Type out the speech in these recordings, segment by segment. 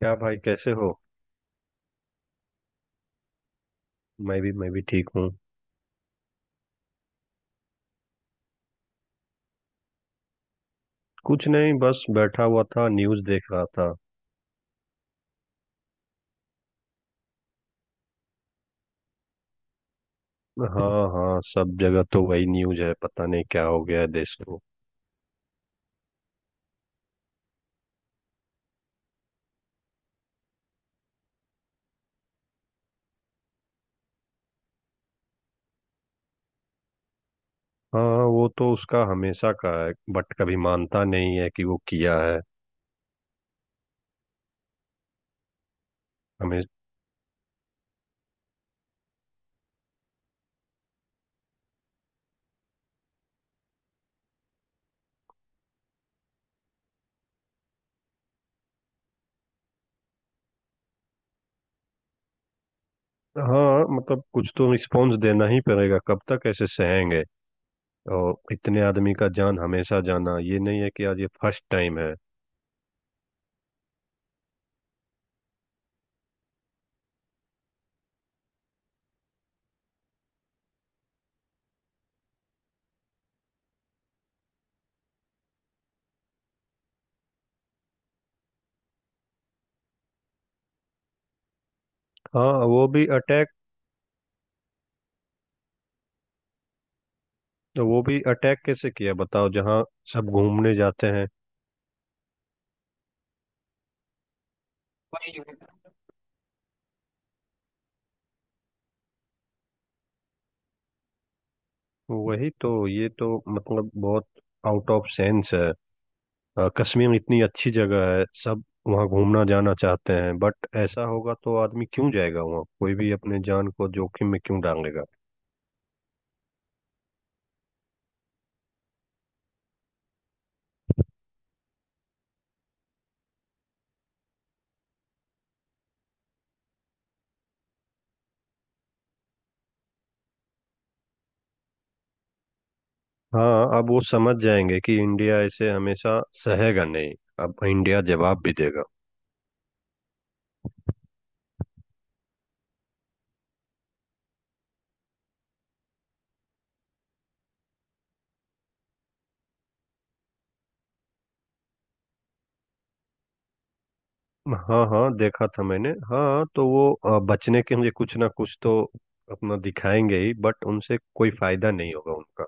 क्या भाई, कैसे हो। मैं भी ठीक हूँ। कुछ नहीं, बस बैठा हुआ था, न्यूज़ देख रहा था। हाँ हाँ, सब जगह तो वही न्यूज़ है, पता नहीं क्या हो गया है देश को। हाँ, वो तो उसका हमेशा का है, बट कभी मानता नहीं है कि वो किया है। हमें। हाँ मतलब कुछ तो रिस्पॉन्स देना ही पड़ेगा, कब तक ऐसे सहेंगे। और इतने आदमी का जान हमेशा जाना, ये नहीं है कि आज ये फर्स्ट टाइम है। हाँ। वो भी अटैक कैसे किया बताओ, जहाँ सब घूमने जाते हैं। वही तो, ये तो मतलब बहुत आउट ऑफ सेंस है। कश्मीर इतनी अच्छी जगह है, सब वहाँ घूमना जाना चाहते हैं, बट ऐसा होगा तो आदमी क्यों जाएगा वहाँ, कोई भी अपने जान को जोखिम में क्यों डालेगा। हाँ अब वो समझ जाएंगे कि इंडिया ऐसे हमेशा सहेगा नहीं, अब इंडिया जवाब भी देगा। हाँ हाँ, देखा था मैंने। हाँ तो वो बचने के लिए कुछ ना कुछ तो अपना दिखाएंगे ही, बट उनसे कोई फायदा नहीं होगा उनका।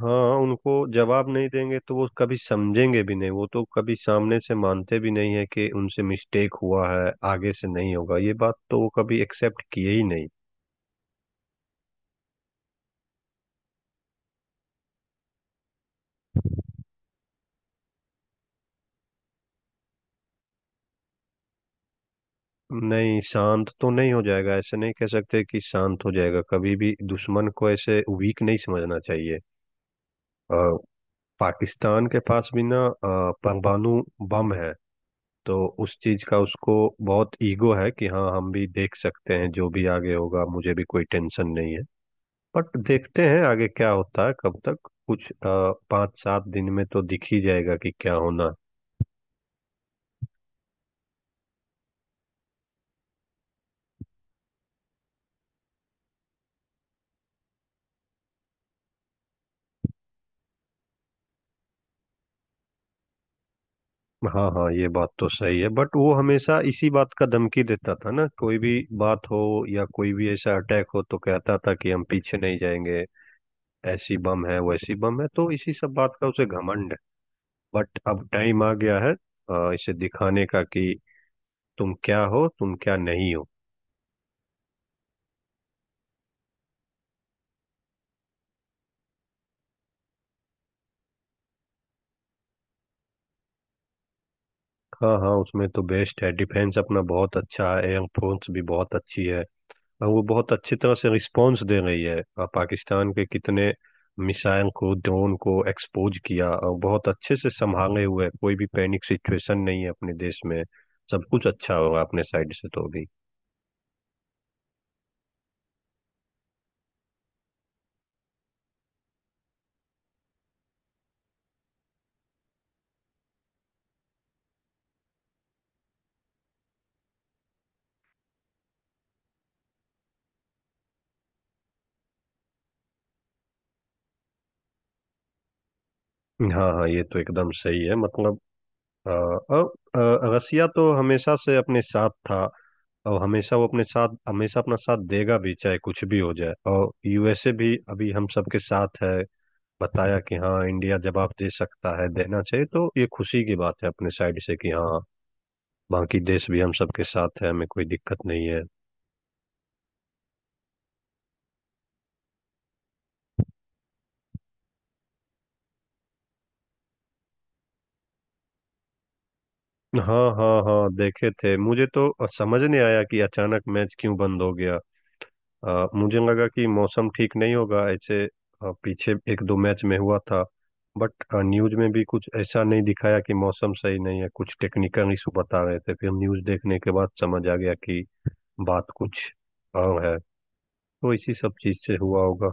हाँ, उनको जवाब नहीं देंगे तो वो कभी समझेंगे भी नहीं, वो तो कभी सामने से मानते भी नहीं है कि उनसे मिस्टेक हुआ है, आगे से नहीं होगा, ये बात तो वो कभी एक्सेप्ट किए ही नहीं। नहीं, शांत तो नहीं हो जाएगा, ऐसे नहीं कह सकते कि शांत हो जाएगा, कभी भी दुश्मन को ऐसे वीक नहीं समझना चाहिए। अ, पाकिस्तान के पास भी ना परमाणु बम है। तो उस चीज का उसको बहुत ईगो है कि हाँ हम भी देख सकते हैं, जो भी आगे होगा मुझे भी कोई टेंशन नहीं है। बट देखते हैं आगे क्या होता है, कब तक। कुछ 5-7 दिन में तो दिख ही जाएगा कि क्या होना है। हाँ हाँ, ये बात तो सही है, बट वो हमेशा इसी बात का धमकी देता था ना, कोई भी बात हो या कोई भी ऐसा अटैक हो तो कहता था कि हम पीछे नहीं जाएंगे, ऐसी बम है वैसी बम है, तो इसी सब बात का उसे घमंड है। बट अब टाइम आ गया है इसे दिखाने का कि तुम क्या हो तुम क्या नहीं हो। हाँ हाँ, उसमें तो बेस्ट है, डिफेंस अपना बहुत अच्छा है, एयर फोर्स भी बहुत अच्छी है, और वो बहुत अच्छी तरह से रिस्पॉन्स दे रही है। पाकिस्तान के कितने मिसाइल को, ड्रोन को एक्सपोज किया, और बहुत अच्छे से संभाले हुए है। कोई भी पैनिक सिचुएशन नहीं है अपने देश में, सब कुछ अच्छा होगा अपने साइड से तो भी। हाँ हाँ, ये तो एकदम सही है मतलब और रसिया तो हमेशा से अपने साथ था, और हमेशा वो अपने साथ, हमेशा अपना साथ देगा भी चाहे कुछ भी हो जाए, और यूएसए भी अभी हम सबके साथ है, बताया कि हाँ इंडिया जवाब दे सकता है, देना चाहिए। तो ये खुशी की बात है अपने साइड से कि हाँ, बाकी देश भी हम सबके साथ है, हमें कोई दिक्कत नहीं है। हाँ हाँ हाँ, देखे थे। मुझे तो समझ नहीं आया कि अचानक मैच क्यों बंद हो गया। मुझे लगा कि मौसम ठीक नहीं होगा, ऐसे पीछे एक दो मैच में हुआ था, बट न्यूज में भी कुछ ऐसा नहीं दिखाया कि मौसम सही नहीं है, कुछ टेक्निकल इशू बता रहे थे। फिर न्यूज देखने के बाद समझ आ गया कि बात कुछ और है, तो इसी सब चीज से हुआ होगा।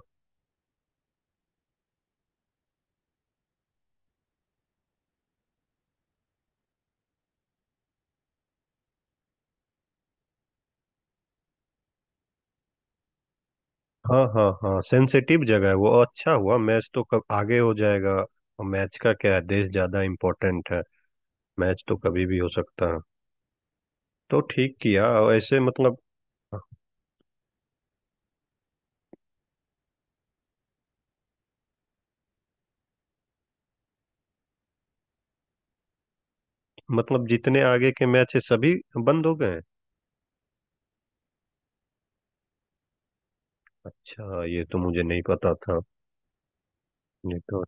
हाँ हाँ हाँ, सेंसिटिव जगह है वो, और अच्छा हुआ, मैच तो कब आगे हो जाएगा, और मैच का क्या है, देश ज्यादा इम्पोर्टेंट है, मैच तो कभी भी हो सकता है, तो ठीक किया। और ऐसे मतलब, मतलब जितने आगे के मैच है सभी बंद हो गए? अच्छा, ये तो मुझे नहीं पता था, ये तो।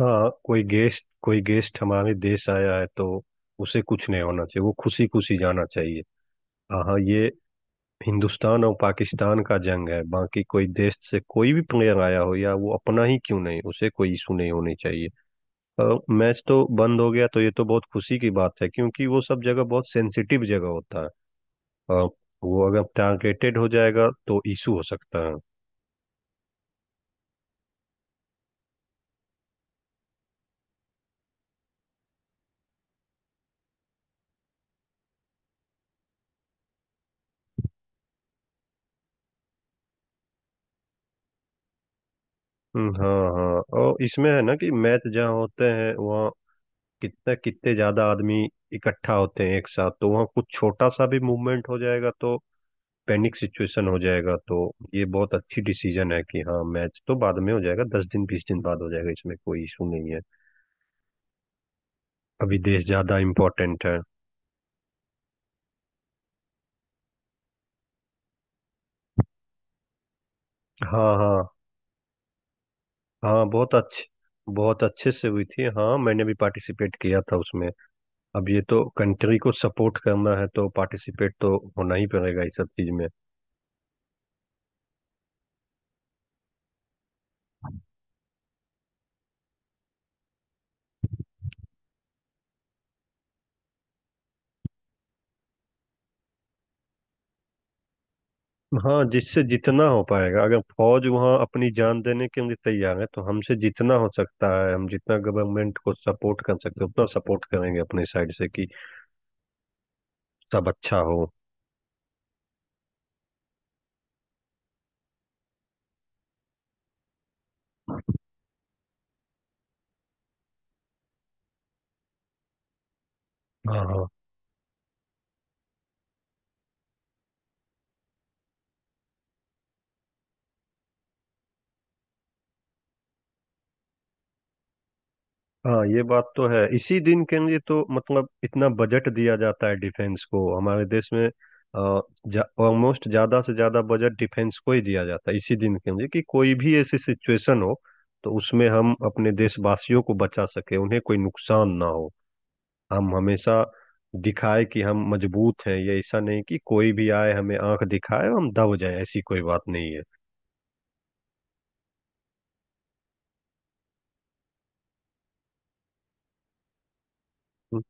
हाँ, कोई गेस्ट हमारे देश आया है तो उसे कुछ नहीं होना चाहिए, वो खुशी खुशी जाना चाहिए। हाँ हाँ, ये हिंदुस्तान और पाकिस्तान का जंग है, बाकी कोई देश से कोई भी प्लेयर आया हो या वो अपना ही क्यों नहीं, उसे कोई इशू नहीं होनी चाहिए। और मैच तो बंद हो गया तो ये तो बहुत खुशी की बात है, क्योंकि वो सब जगह बहुत सेंसिटिव जगह होता है, और वो अगर टारगेटेड हो जाएगा तो इशू हो सकता है। हाँ हाँ, और इसमें है ना कि मैच जहाँ होते हैं वहाँ कितने कितने ज्यादा आदमी इकट्ठा होते हैं एक साथ, तो वहाँ कुछ छोटा सा भी मूवमेंट हो जाएगा तो पैनिक सिचुएशन हो जाएगा, तो ये बहुत अच्छी डिसीजन है कि हाँ मैच तो बाद में हो जाएगा, 10 दिन 20 दिन बाद हो जाएगा, इसमें कोई इशू नहीं है, अभी देश ज्यादा इम्पोर्टेंट है। हाँ हाँ हाँ, बहुत अच्छे, बहुत अच्छे से हुई थी। हाँ मैंने भी पार्टिसिपेट किया था उसमें, अब ये तो कंट्री को सपोर्ट करना है तो पार्टिसिपेट तो होना ही पड़ेगा इस सब चीज में। हाँ, जिससे जितना हो पाएगा, अगर फौज वहाँ अपनी जान देने के लिए तैयार है तो हमसे जितना हो सकता है, हम जितना गवर्नमेंट को सपोर्ट कर सकते हैं उतना सपोर्ट करेंगे अपनी साइड से, कि सब अच्छा हो। हाँ हाँ हाँ, ये बात तो है, इसी दिन के लिए तो मतलब इतना बजट दिया जाता है डिफेंस को हमारे देश में, ऑलमोस्ट ज्यादा से ज्यादा बजट डिफेंस को ही दिया जाता है इसी दिन के लिए, कि कोई भी ऐसी सिचुएशन हो तो उसमें हम अपने देशवासियों को बचा सके, उन्हें कोई नुकसान ना हो। हम हमेशा दिखाए कि हम मजबूत हैं, ये ऐसा नहीं कि कोई भी आए हमें आंख दिखाए और हम दब जाए, ऐसी कोई बात नहीं है।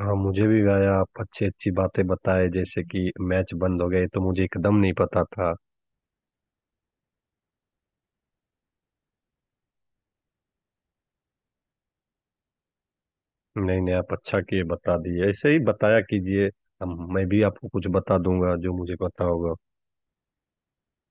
हाँ मुझे भी भाई, आप अच्छी अच्छी बातें बताए, जैसे कि मैच बंद हो गए तो मुझे एकदम नहीं पता था। नहीं नहीं, आप अच्छा किए बता दिए, ऐसे ही बताया कीजिए, हम, मैं भी आपको कुछ बता दूंगा जो मुझे पता होगा।